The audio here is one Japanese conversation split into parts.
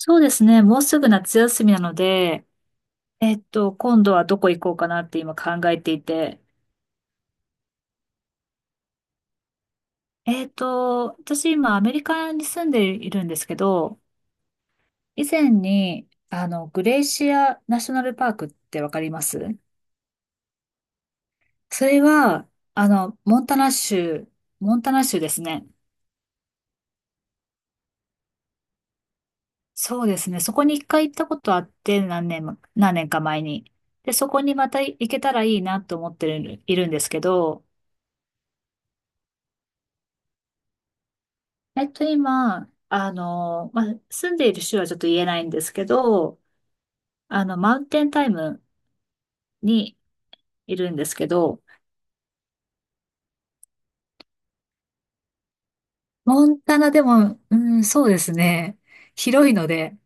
そうですね。もうすぐ夏休みなので、今度はどこ行こうかなって今考えていて。私今アメリカに住んでいるんですけど、以前に、グレイシアナショナルパークってわかります？それは、モンタナ州、モンタナ州ですね。そうですね。そこに一回行ったことあって、何年も、何年か前に。で、そこにまた行けたらいいなと思ってる、いるんですけど、今、まあ、住んでいる州はちょっと言えないんですけど、マウンテンタイムにいるんですけど、モンタナでも、うん、そうですね。広いので、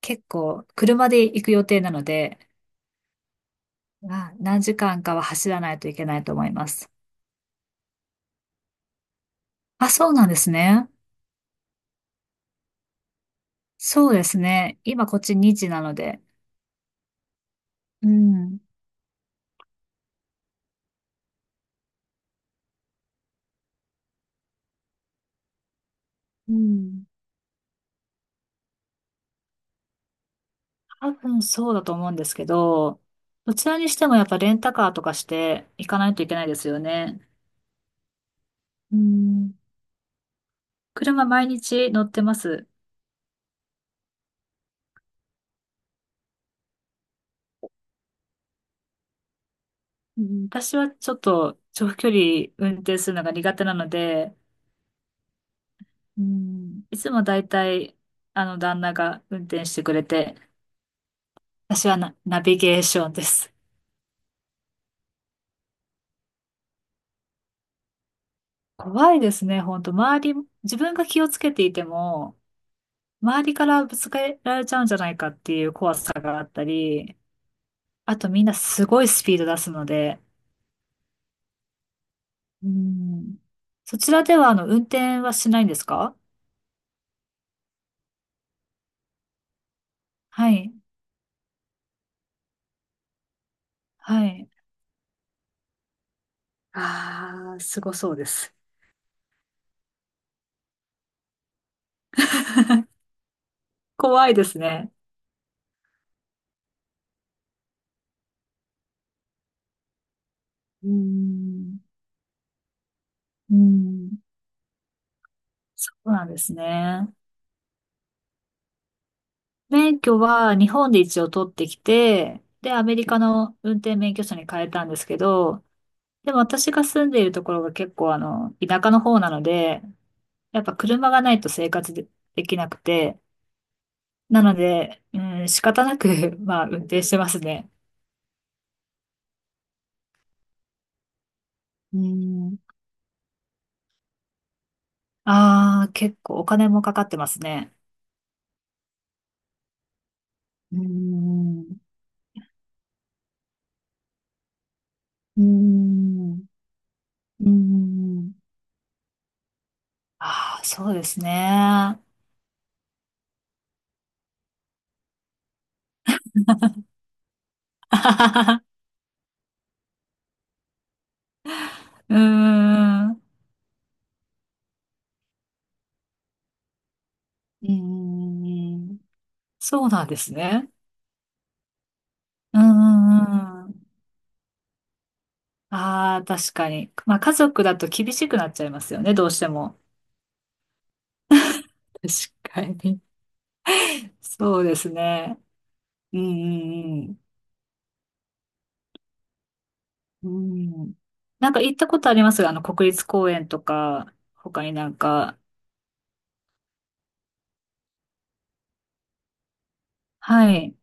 結構、車で行く予定なので、まあ、何時間かは走らないといけないと思います。あ、そうなんですね。そうですね。今、こっち2時なので。うん。うん、多分そうだと思うんですけど、どちらにしてもやっぱレンタカーとかして行かないといけないですよね。うん。車毎日乗ってます。うん、私はちょっと長距離運転するのが苦手なので、うん、いつもだいたい旦那が運転してくれて、私はナビゲーションです。怖いですね、本当周り、自分が気をつけていても、周りからぶつけられちゃうんじゃないかっていう怖さがあったり、あとみんなすごいスピード出すので、うん。そちらでは運転はしないんですか？はい。はい。ああ、すごそうです。怖いですね。うん。うん。そうなんですね。免許は日本で一応取ってきて、で、アメリカの運転免許証に変えたんですけど、でも私が住んでいるところが結構田舎の方なので、やっぱ車がないと生活で、できなくて、なので、うん、仕方なく、まあ、運転してますね。うーん、ああ、結構お金もかかってますね。うーん、うん、うん、ああ、そうですね。うん、うん、そうなんですね。うーん、ああ、確かに。まあ、家族だと厳しくなっちゃいますよね、どうしても。確かに。そうですね。うん、うん、うん。うん。なんか行ったことありますが、国立公園とか、他になんか、はい。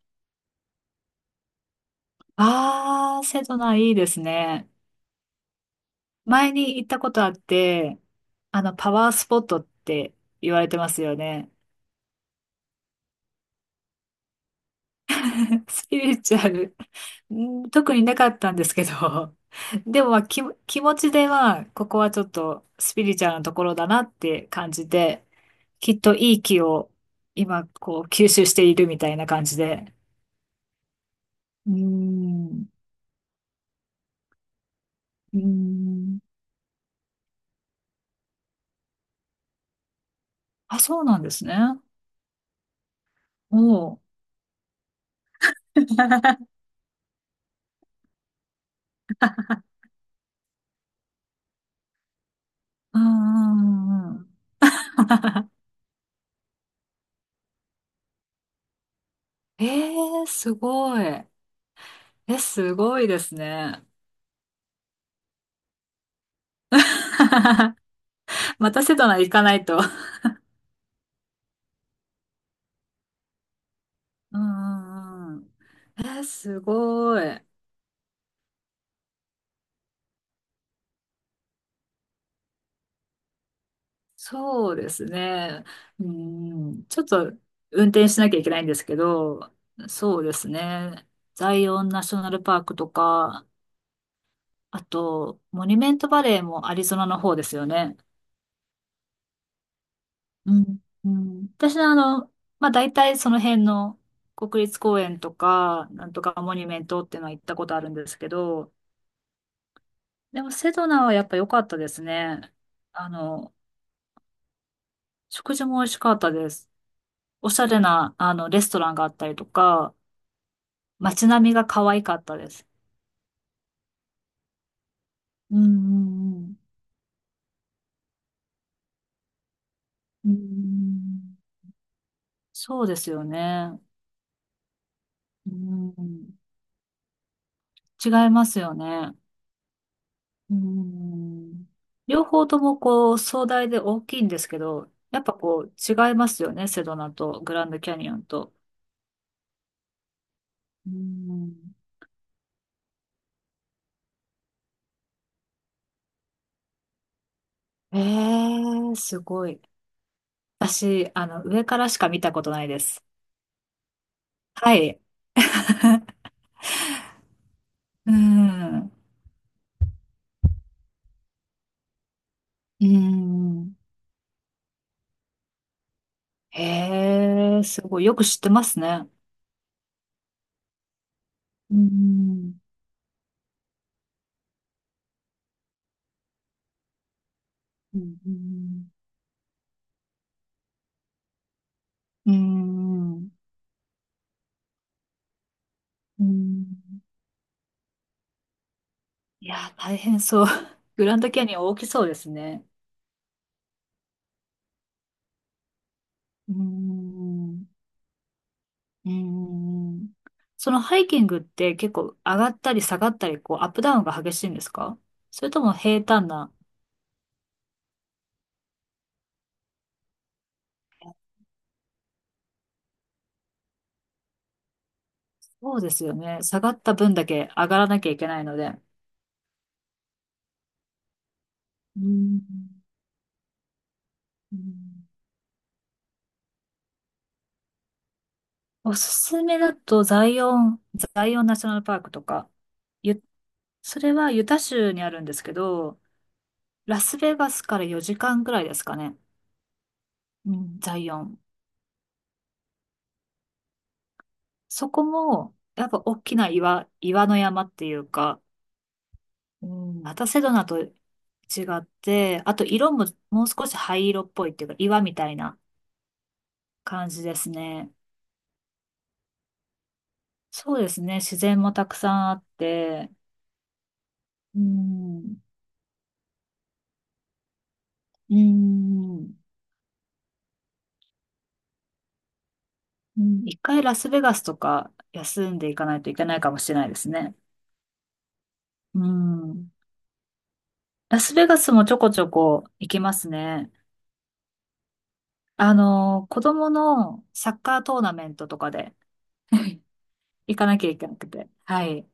瀬戸内いいですね。前に行ったことあって、パワースポットって言われてますよね。スピリチュアル、うん特になかったんですけど、でも、まあ、気持ちでは、ここはちょっとスピリチュアルなところだなって感じで、きっといい気を今、こう、吸収しているみたいな感じで。うーん。うーん。あ、そうなんですね。おう。うんうんうんうん。えー、すごい。え、すごいですね。またセドナ行かないと。うんうんうん。えー、すごい。そうですね。うん。ちょっと運転しなきゃいけないんですけど、そうですね。ザイオンナショナルパークとか、あと、モニュメントバレーもアリゾナの方ですよね。うん、うん、私はまあ、大体その辺の国立公園とか、なんとかモニュメントっていうのは行ったことあるんですけど、でもセドナはやっぱ良かったですね。あの、食事も美味しかったです。おしゃれな、レストランがあったりとか、街並みが可愛かったです。うん、うん、うん、うん、そうですよね。うん、違いますよね。うん、両方ともこう壮大で大きいんですけど、やっぱこう違いますよね、セドナとグランドキャニオンと。うーん。ええ、すごい。私、上からしか見たことないです。はい。うーん。うん。ええ、すごい。よく知ってますね。うん。うん。うん。うん、いや大変そう。グランドキャニオン大きそうですね。うん。うーん。そのハイキングって結構上がったり下がったり、こうアップダウンが激しいんですか？それとも平坦な。そうですよね。下がった分だけ上がらなきゃいけないので。うん。うん、おすすめだとザイオンナショナルパークとか、ゆ、それはユタ州にあるんですけど、ラスベガスから4時間ぐらいですかね。うん、ザイオン。そこも、やっぱ大きな岩の山っていうか、うん。またセドナと違って、あと色ももう少し灰色っぽいっていうか岩みたいな感じですね。そうですね。自然もたくさんあって、うん、うん。うん、一回ラスベガスとか休んでいかないといけないかもしれないですね。うん。ラスベガスもちょこちょこ行きますね。子供のサッカートーナメントとかで 行かなきゃいけなくて。はい。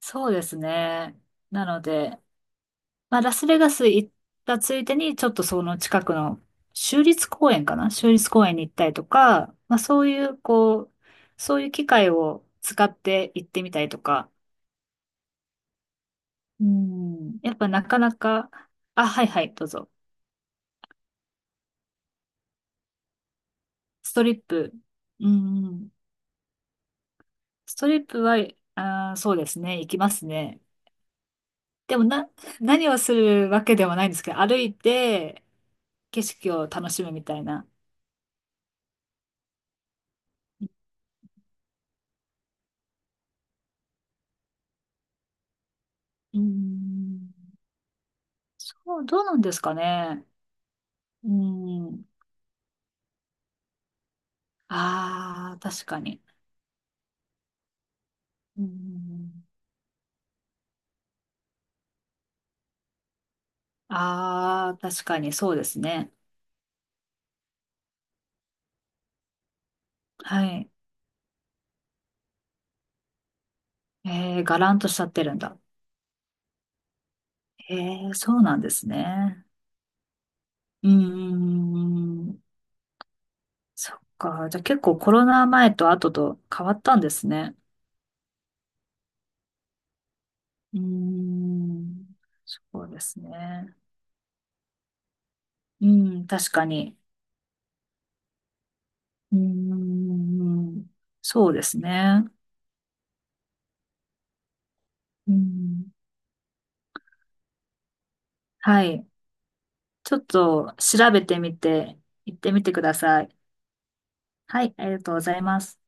そうですね。なので、まあ、ラスベガス行ったついでに、ちょっとその近くの州立公園かな、州立公園に行ったりとか、まあ、そういう、こう、そういう機会を使って行ってみたりとか、うん、やっぱなかなか、あ、はいはい、どうぞ。ストリップ。うん、ストリップは、そうですね、行きますね。でもな、何をするわけではないんですけど、歩いて景色を楽しむみたいな。うん、そう、どうなんですかね。うん。ああ、確かに。うん。ああ、確かにそうですね。はい。えー、がらんとしちゃってるんだ。えー、そうなんですね。うーん。そっか。じゃあ結構コロナ前と後と変わったんですね。うーん。そうですね。うん、確かに。うーん。そうですね。うん。はい。ちょっと調べてみて、行ってみてください。はい、ありがとうございます。